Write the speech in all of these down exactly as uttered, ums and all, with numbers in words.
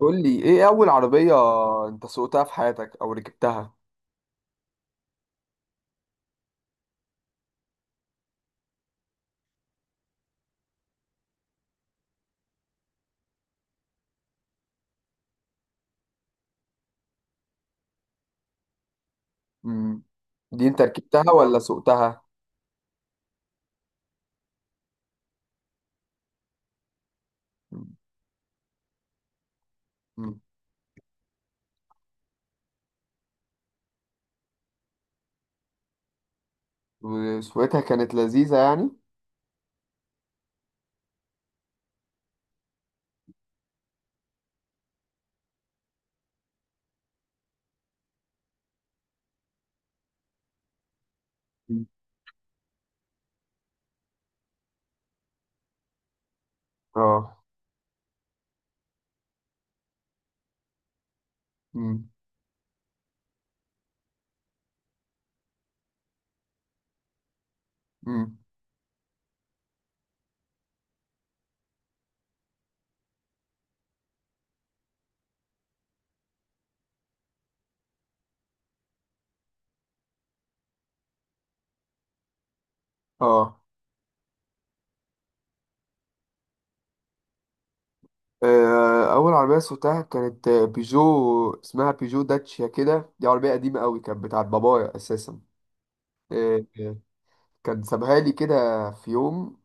قول لي ايه اول عربية انت سوقتها في حياتك او ركبتها؟ امم دي انت ركبتها ولا سوقتها؟ امم وسوقتها كانت لذيذة يعني؟ مم. اه. امم امم اه. آه، اول عربية سوقتها كانت آه، بيجو. اسمها بيجو داتشيا كده. دي عربية قديمة قوي، كانت بتاعت بابايا اساسا. آه، آه، كان سابها لي كده في يوم.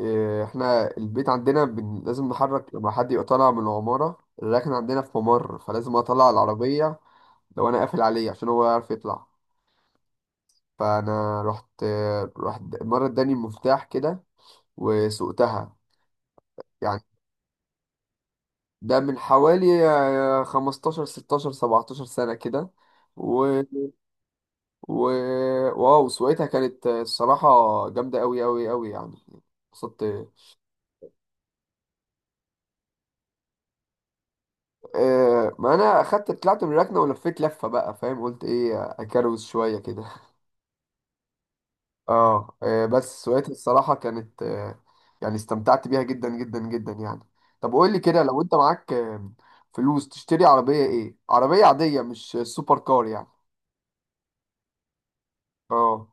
إيه، احنا البيت عندنا بن... لازم نحرك لما حد يبقى طالع من العمارة الراكن عندنا في ممر، فلازم اطلع العربية لو انا قافل عليه عشان هو يعرف يطلع. فانا رحت رحت مرة اداني المفتاح كده وسوقتها يعني. ده من حوالي آه، خمستاشر ستاشر سبعتاشر سنة كده. و... و... واو، سوقتها كانت الصراحة جامدة أوي أوي أوي يعني. اتبسطت. آه، ما انا اخدت طلعت من الركنه ولفيت لفه بقى فاهم، قلت ايه اكروز شويه كده. اه. آه، بس سواقتي الصراحه كانت آه، يعني استمتعت بيها جدا جدا جدا يعني. طب قول لي كده، لو انت معاك آه، فلوس تشتري عربيه، ايه عربيه عاديه مش سوبر كار يعني؟ اه.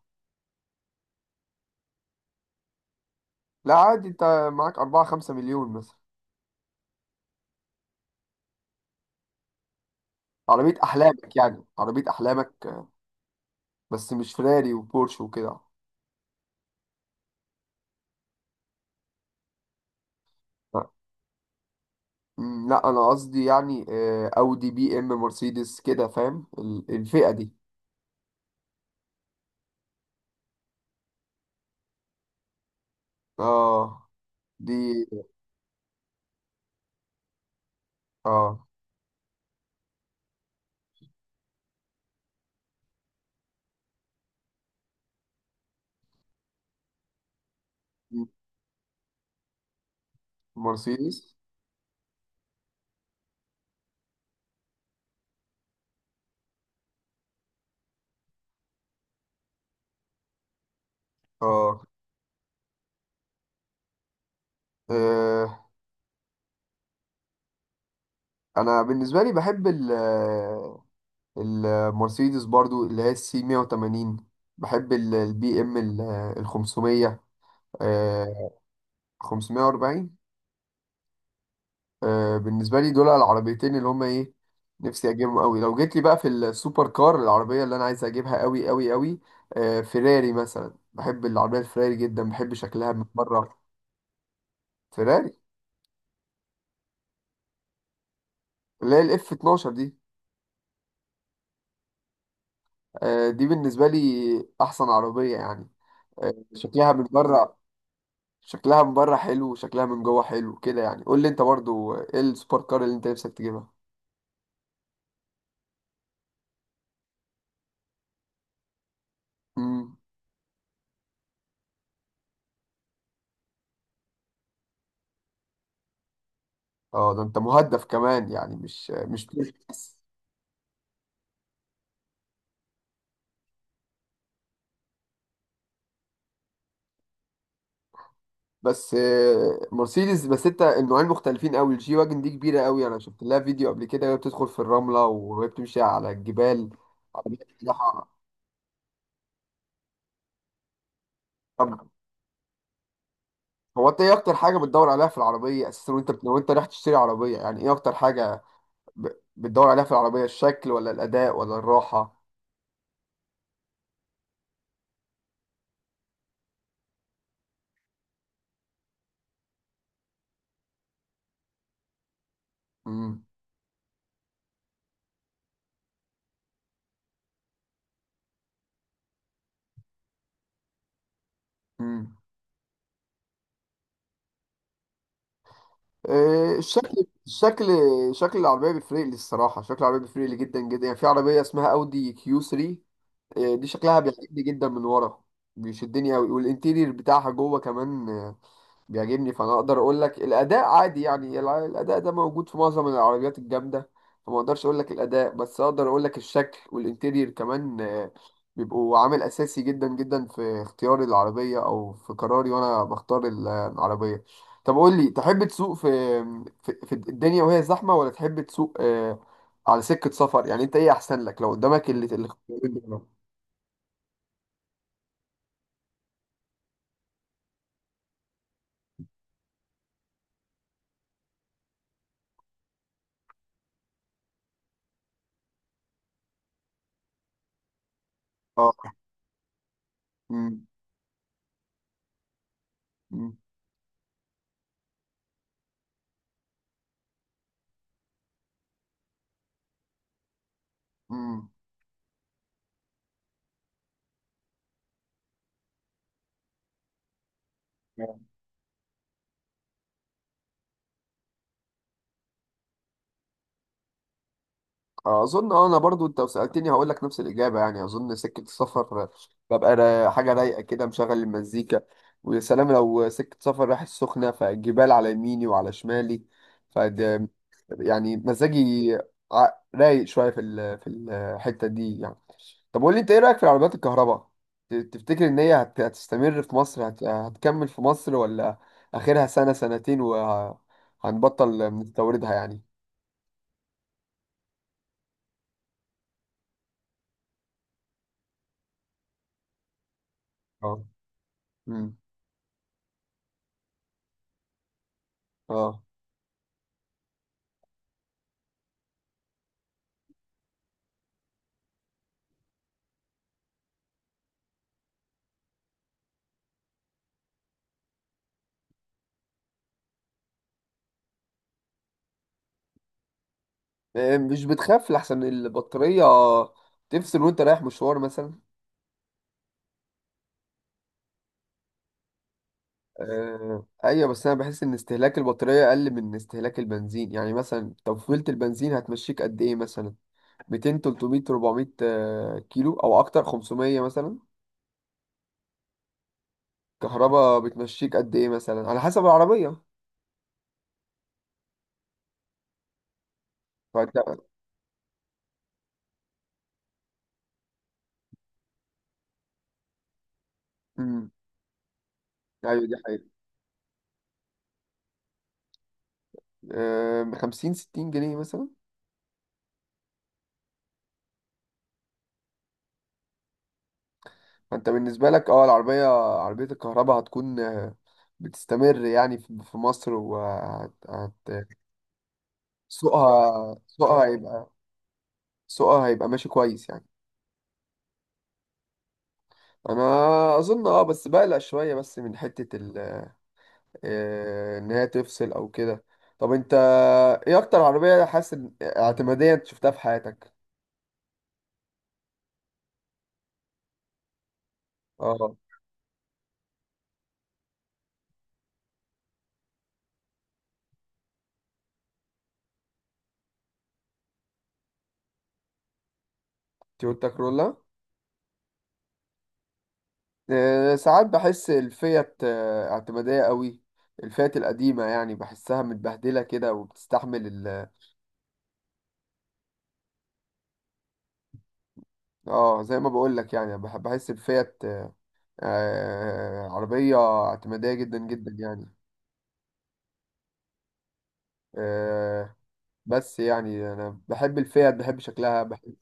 لا عادي، انت معاك اربعة خمسة مليون مثلا. عربيه احلامك يعني، عربيه احلامك. آه، بس مش فيراري وبورش وكده. مم، لا انا قصدي يعني آه، اودي بي ام مرسيدس كده، فاهم ال- الفئة دي. اه. دي. اه. مم، مرسيدس. اه. آه، انا بالنسبة لي بحب ال المرسيدس برضو اللي هي السي مائة وثمانين. بحب البي ام ال خمسمية. خمسمائة واربعين. آه، بالنسبه لي دول العربيتين اللي هما ايه، نفسي اجيبهم قوي. لو جيت لي بقى في السوبر كار، العربيه اللي انا عايز اجيبها قوي قوي قوي آه، فيراري مثلا. بحب العربيه الفيراري جدا. بحب شكلها من بره. فيراري اللي هي الاف اتناشر دي. آه، دي بالنسبه لي احسن عربيه يعني. آه، شكلها من بره. شكلها من بره حلو وشكلها من جوه حلو كده يعني. قول لي انت برضو آه، ايه السوبر كار اللي انت نفسك تجيبها؟ امم اه، ده انت مهدف كمان يعني، مش مش تركس. بس آه، مرسيدس بس. انت النوعين مختلفين قوي. الجي واجن دي كبيره قوي، انا شفت لها فيديو قبل كده وهي بتدخل في الرمله وهي بتمشي على الجبال. عربية سلاحة. طب هو انت ايه اكتر حاجه بتدور عليها في العربيه اساسا؟ وانت بت- لو انت رايح تشتري عربيه، يعني ايه اكتر حاجه ب- بتدور عليها في العربيه؟ الشكل ولا الاداء ولا الراحه؟ امم امم آه، الشكل. الشكل. شكل العربيه بيفرق لي الصراحه. شكل العربيه بيفرق لي جدا جدا يعني. في عربيه اسمها اودي كيو تلاتة، آه، دي شكلها بيعجبني جدا من ورا. بيشدني قوي والانتيرير بتاعها جوه كمان آه، بيعجبني. فانا اقدر اقول لك الاداء عادي يعني. الع- الاداء ده موجود في معظم العربيات الجامده، فما اقدرش اقول لك الاداء، بس اقدر اقول لك الشكل والانتيرير كمان آه، بيبقوا عامل اساسي جدا جدا في اختيار العربيه او في قراري وانا بختار ال- العربيه. طب قول لي، تحب تسوق في في, في الدنيا وهي زحمه، ولا تحب تسوق آه، على سكه سفر؟ يعني انت ايه احسن لك لو قدامك اللي اللي اختيارين دول؟ مم. مم. مم. اظن، اه، انا برضو انت لو سالتني هقول لك نفس الاجابه يعني. اظن سكه السفر ببقى را- حاجه رايقه كده، مشغل المزيكا، ويا سلام لو سكه سفر رايح السخنه فالجبال على يميني وعلى شمالي. فده يعني مزاجي ع- رايق شويه في ال- في الحته دي يعني. طب قول لي انت ايه رايك في العربيات الكهرباء؟ ت- تفتكر ان هي هت- هتستمر في مصر، هت- هتكمل في مصر ولا اخرها سنه سنتين وهنبطل نستوردها يعني؟ اه. امم اه. إيه، مش بتخاف لحسن البطارية تفصل وانت رايح مشوار مثلا؟ آه. ايوه، بس انا بحس ان استهلاك البطارية اقل من استهلاك البنزين يعني. مثلا تفويلة البنزين هتمشيك قد ايه مثلا؟ ميتين تلتمية ربعمية آه، كيلو او اكتر، خمسمية مثلا. كهرباء بتمشيك قد ايه مثلا على حسب العربية؟ فانت. امم ايوه دي حقيقة. آه. خمسين ستين جنيه مثلا. فانت بالنسبة لك، اه، العربية، عربية الكهرباء هتكون آه، بتستمر يعني في في مصر وهت هت- سوقها سوقها هيبقى سوقها هيبقى ماشي كويس يعني. انا اظن، اه، بس بقلق شوية بس من حتة ال آه، ان هي تفصل او كده. طب انت ايه اكتر عربية حاسس إن- اعتمادية انت شفتها في حياتك؟ اه. تويوتا كرولا. آه، ساعات بحس الفيات آه، اعتمادية قوي. الفئات القديمة يعني بحسها متبهدلة كده وبتستحمل. اه، زي ما بقول لك يعني، بحب، بحس بفيات آه، عربية اعتمادية جدا جدا يعني. آه، بس يعني انا بحب الفيات، بحب شكلها، بحب.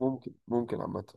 ممكن ممكن عامة.